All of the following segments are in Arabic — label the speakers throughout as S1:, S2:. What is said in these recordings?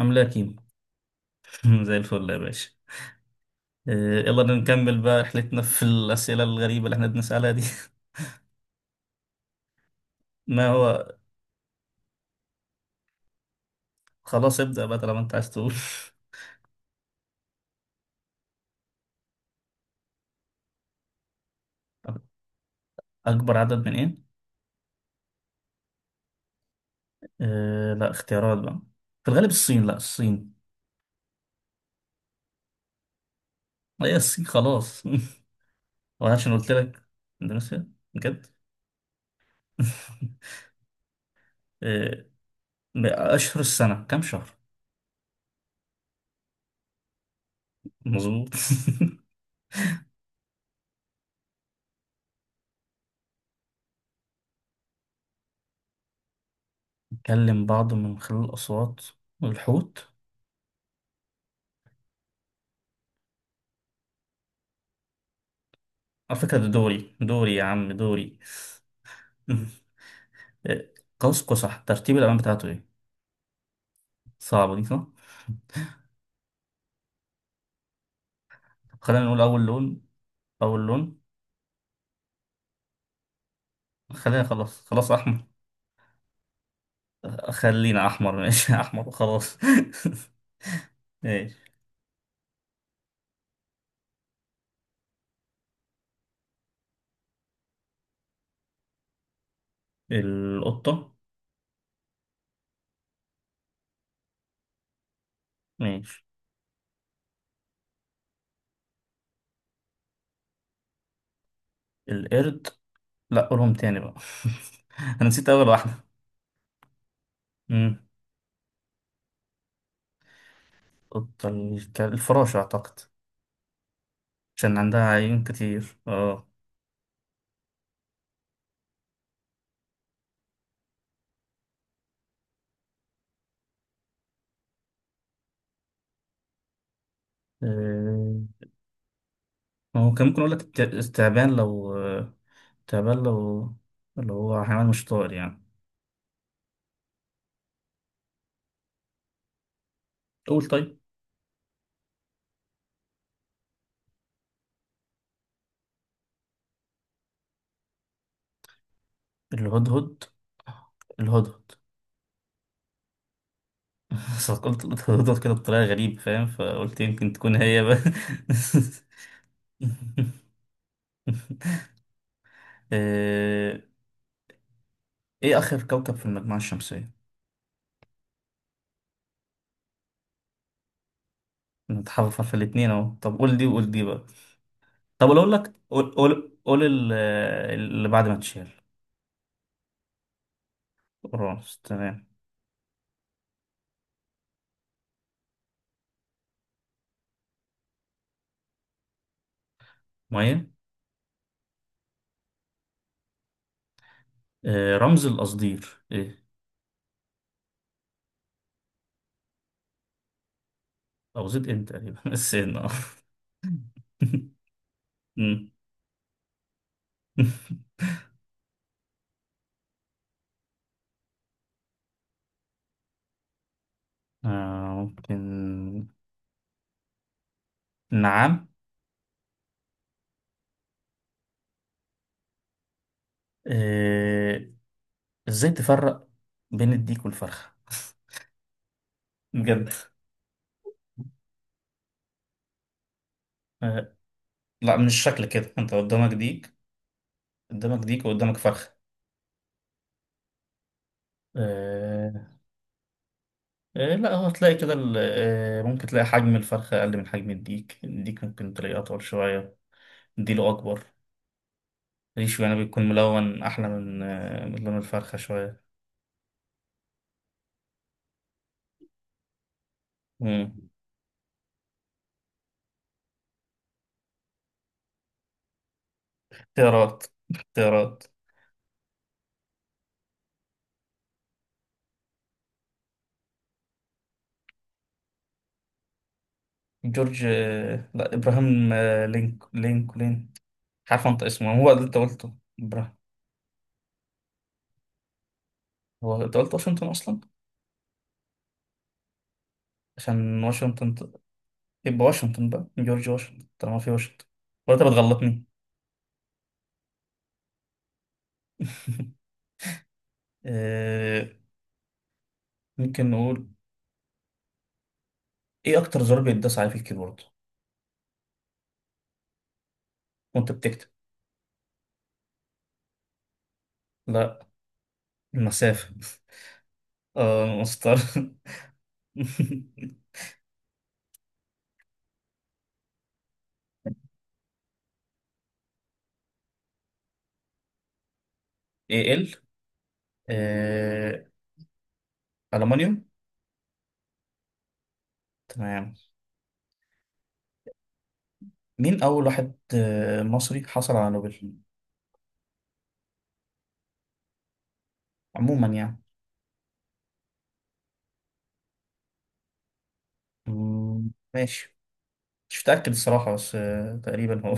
S1: عاملة يا كيمو؟ زي الفل يا باشا. آه، يلا نكمل بقى رحلتنا في الأسئلة الغريبة اللي احنا بنسألها دي. ما هو خلاص، ابدأ بقى طالما انت عايز تقول. أكبر عدد من ايه؟ أه، لا اختيارات بقى. في الغالب الصين، لا الصين هي الصين خلاص. وعشان قلت لك اندونيسيا بجد. آه، أشهر السنة كام شهر؟ مظبوط. نكلم بعض من خلال الأصوات والحوت. على فكرة ده دوري، يا عم دوري. إيه، قوس قزح ترتيب الألوان بتاعته إيه؟ صعبة دي صح؟ خلينا نقول أول لون. أول لون. خلينا خلاص أحمر. خلينا أحمر ماشي. أحمر وخلاص. ماشي. القطة. ماشي. القرد. لا، قولهم تاني بقى. أنا نسيت أول واحدة. مم. القطة، الك- الفراشة أعتقد، عشان عندها عيون كتير. اه. آه، هو كان ممكن أقول لك الت- التعبان لو، التعبان لو اللي هو حيوان مش طائر يعني. قول طيب. الهدهد، الهدهد. بس قلت الهدهد كده بطريقة غريبة فاهم، فقلت يمكن تكون هي بقى. آه، ايه اخر كوكب في المجموعة الشمسية؟ نتحرف في الاتنين اهو، طب قول دي وقول دي بقى. طب أقول لك، قول قول ال-، اللي بعد ما تشيل. اورانوس، تمام. ميه. رمز القصدير ايه؟ او زد ان تقريبا. السين اه. مم. آه، ممكن؟ نعم. آه، ازاي تفرق بين الديك والفرخة بجد؟ آه، لا مش شكل كده، انت قدامك ديك، قدامك ديك وقدامك فرخة. آه، لا هو تلاقي كده ال-، ممكن تلاقي حجم الفرخة أقل من حجم الديك، الديك ممكن تلاقيه أطول شوية، ديله أكبر، ريشه يعني بيكون ملون أحلى من من لون الفرخة شوية. مم. اختيارات، اختيارات. جورج، لا إبراهام، لينك لين، مش عارف أنطق اسمه هو اللي أنت قلته. إبراهام. هو أنت قلت واشنطن أصلا، عشان واشنطن ت-، يبقى واشنطن بقى، جورج واشنطن طالما في واشنطن. ولا انت بتغلطني؟ آه، ممكن نقول ايه اكتر زرار بيتداس عليه في الكيبورد وانت بتكتب؟ لا، المسافة. اه، مسطر. ايه ال آه، ألمنيوم. تمام. مين أول واحد مصري حصل على نوبل عموما يعني؟ ماشي. مش متأكد الصراحة، بس تقريبا هو.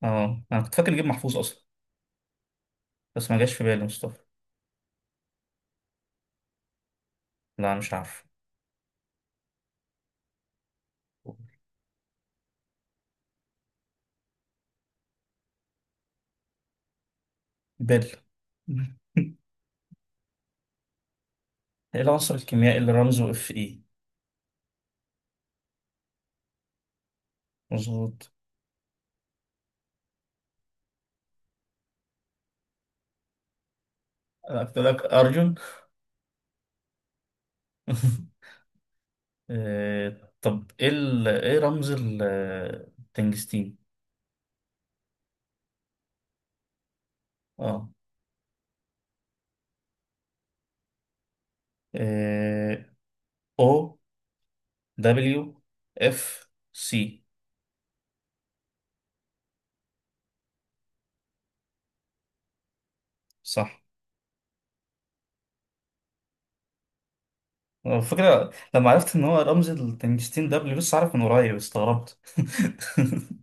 S1: اه، أنا كنت فاكر نجيب محفوظ أصلا، بس ما جاش في بالي مصطفى. لا، مش عارف. بل. ايه العنصر الكيميائي اللي رمزه اف اي؟ مظبوط. انا قلت لك ارجون. طب ايه ال- ايه رمز ال- التنجستين؟ اه. آه، او دبليو اف سي. صح. على فكرة لما عرفت ان هو رمز التنجستين ده، بس عارف من قريب استغربت.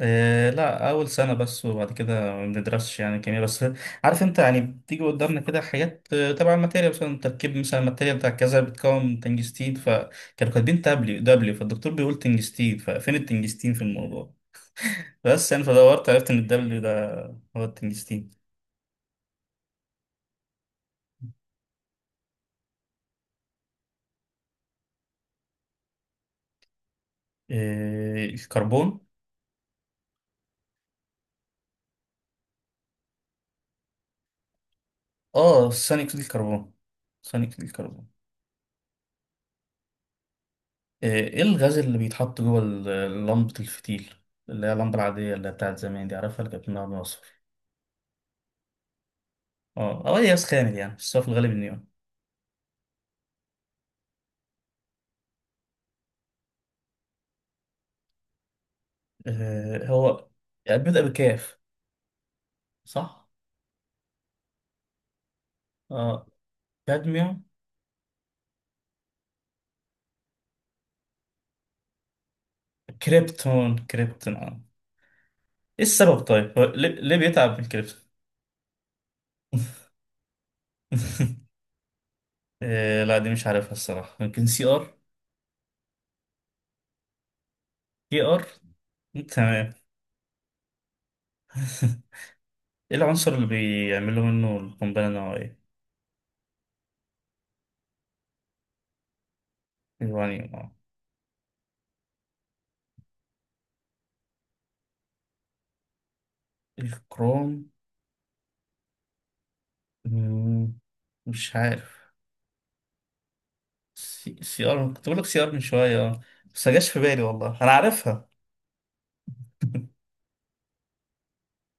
S1: إيه لا، أول سنة بس، وبعد كده ما بندرسش يعني كيمياء، بس عارف أنت يعني بتيجي قدامنا كده حاجات تبع الماتيريال، مثلا تركيب مثلا الماتيريال بتاع كذا بتكون تنجستين، فكانوا كاتبين دبليو، فالدكتور بيقول تنجستين، ففين التنجستين في الموضوع؟ بس يعني فدورت، عرفت إن الدبليو ده هو التنجستين. إيه، الكربون. آه، ثاني أكسيد الكربون، ثاني أكسيد الكربون. إيه الغاز اللي بيتحط جوه ال- لمبة الفتيل، اللي هي اللمبة العادية اللي هي بتاعت زمان دي، عارفها اللي كانت بنقعد. اه، او الياس خامل يعني، بس هو في الغالب النيون. آه، هو يعني بيبدأ بكاف صح؟ اه، كادميوم. كريبتون، كريبتون اه. ايه السبب طيب؟ هو ليه بيتعب من الكريبتون؟ آه لا، دي مش عارفها الصراحة، يمكن سي ار. كي ار. تمام. ايه العنصر اللي بيعملوا منه القنبلة النووية؟ اليورانيوم اه. الكروم. مم، مش عارف. سي ار، كنت بقول لك سي ار من شوية اه، بس ما جاش في بالي والله انا عارفها.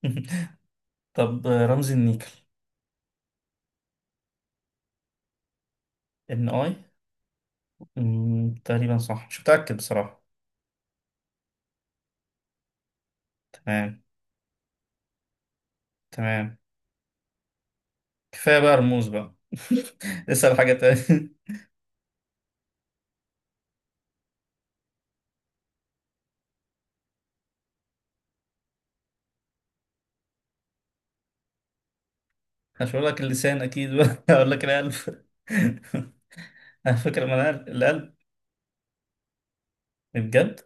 S1: طب رمز النيكل؟ ان اي. تقريبا صح، مش متأكد بصراحة. تمام، تمام. كفاية بقى رموز بقى. اسأل حاجة تانية. مش هقول لك اللسان اكيد بقى، هقول لك القلب. على فكرة، ما انا قلب- القلب. بجد؟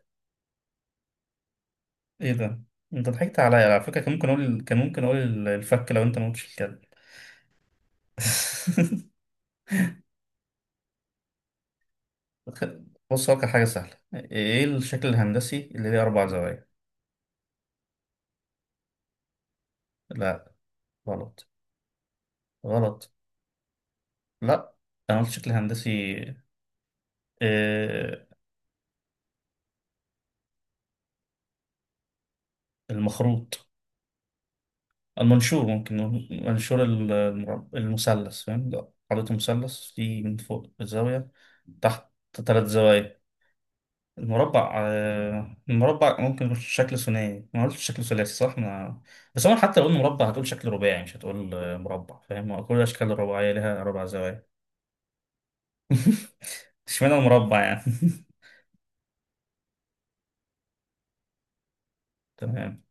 S1: ايه ده! انت ضحكت عليا على فكرة، كان ممكن اقول، الفك لو انت ما قلتش الكلب. بص، هقول لك حاجة سهلة. ايه الشكل الهندسي اللي ليه اربع زوايا؟ لا، غلط. غلط. لا، انا قلت شكل هندسي. آه، المخروط، المنشور، ممكن نقول منشور ال- المرب- المثلث، فاهم ده خريطة مثلث في، من فوق الزاوية تحت، ثلاث زوايا. المربع، المربع ممكن يكون شكل ثنائي، ما قلتش شكل ثلاثي صح ما، بس هو حتى لو قلنا مربع هتقول شكل رباعي، مش هتقول مربع، فاهم؟ كل الأشكال الرباعية لها ربع زوايا. اشمعنى المربع يعني. تمام.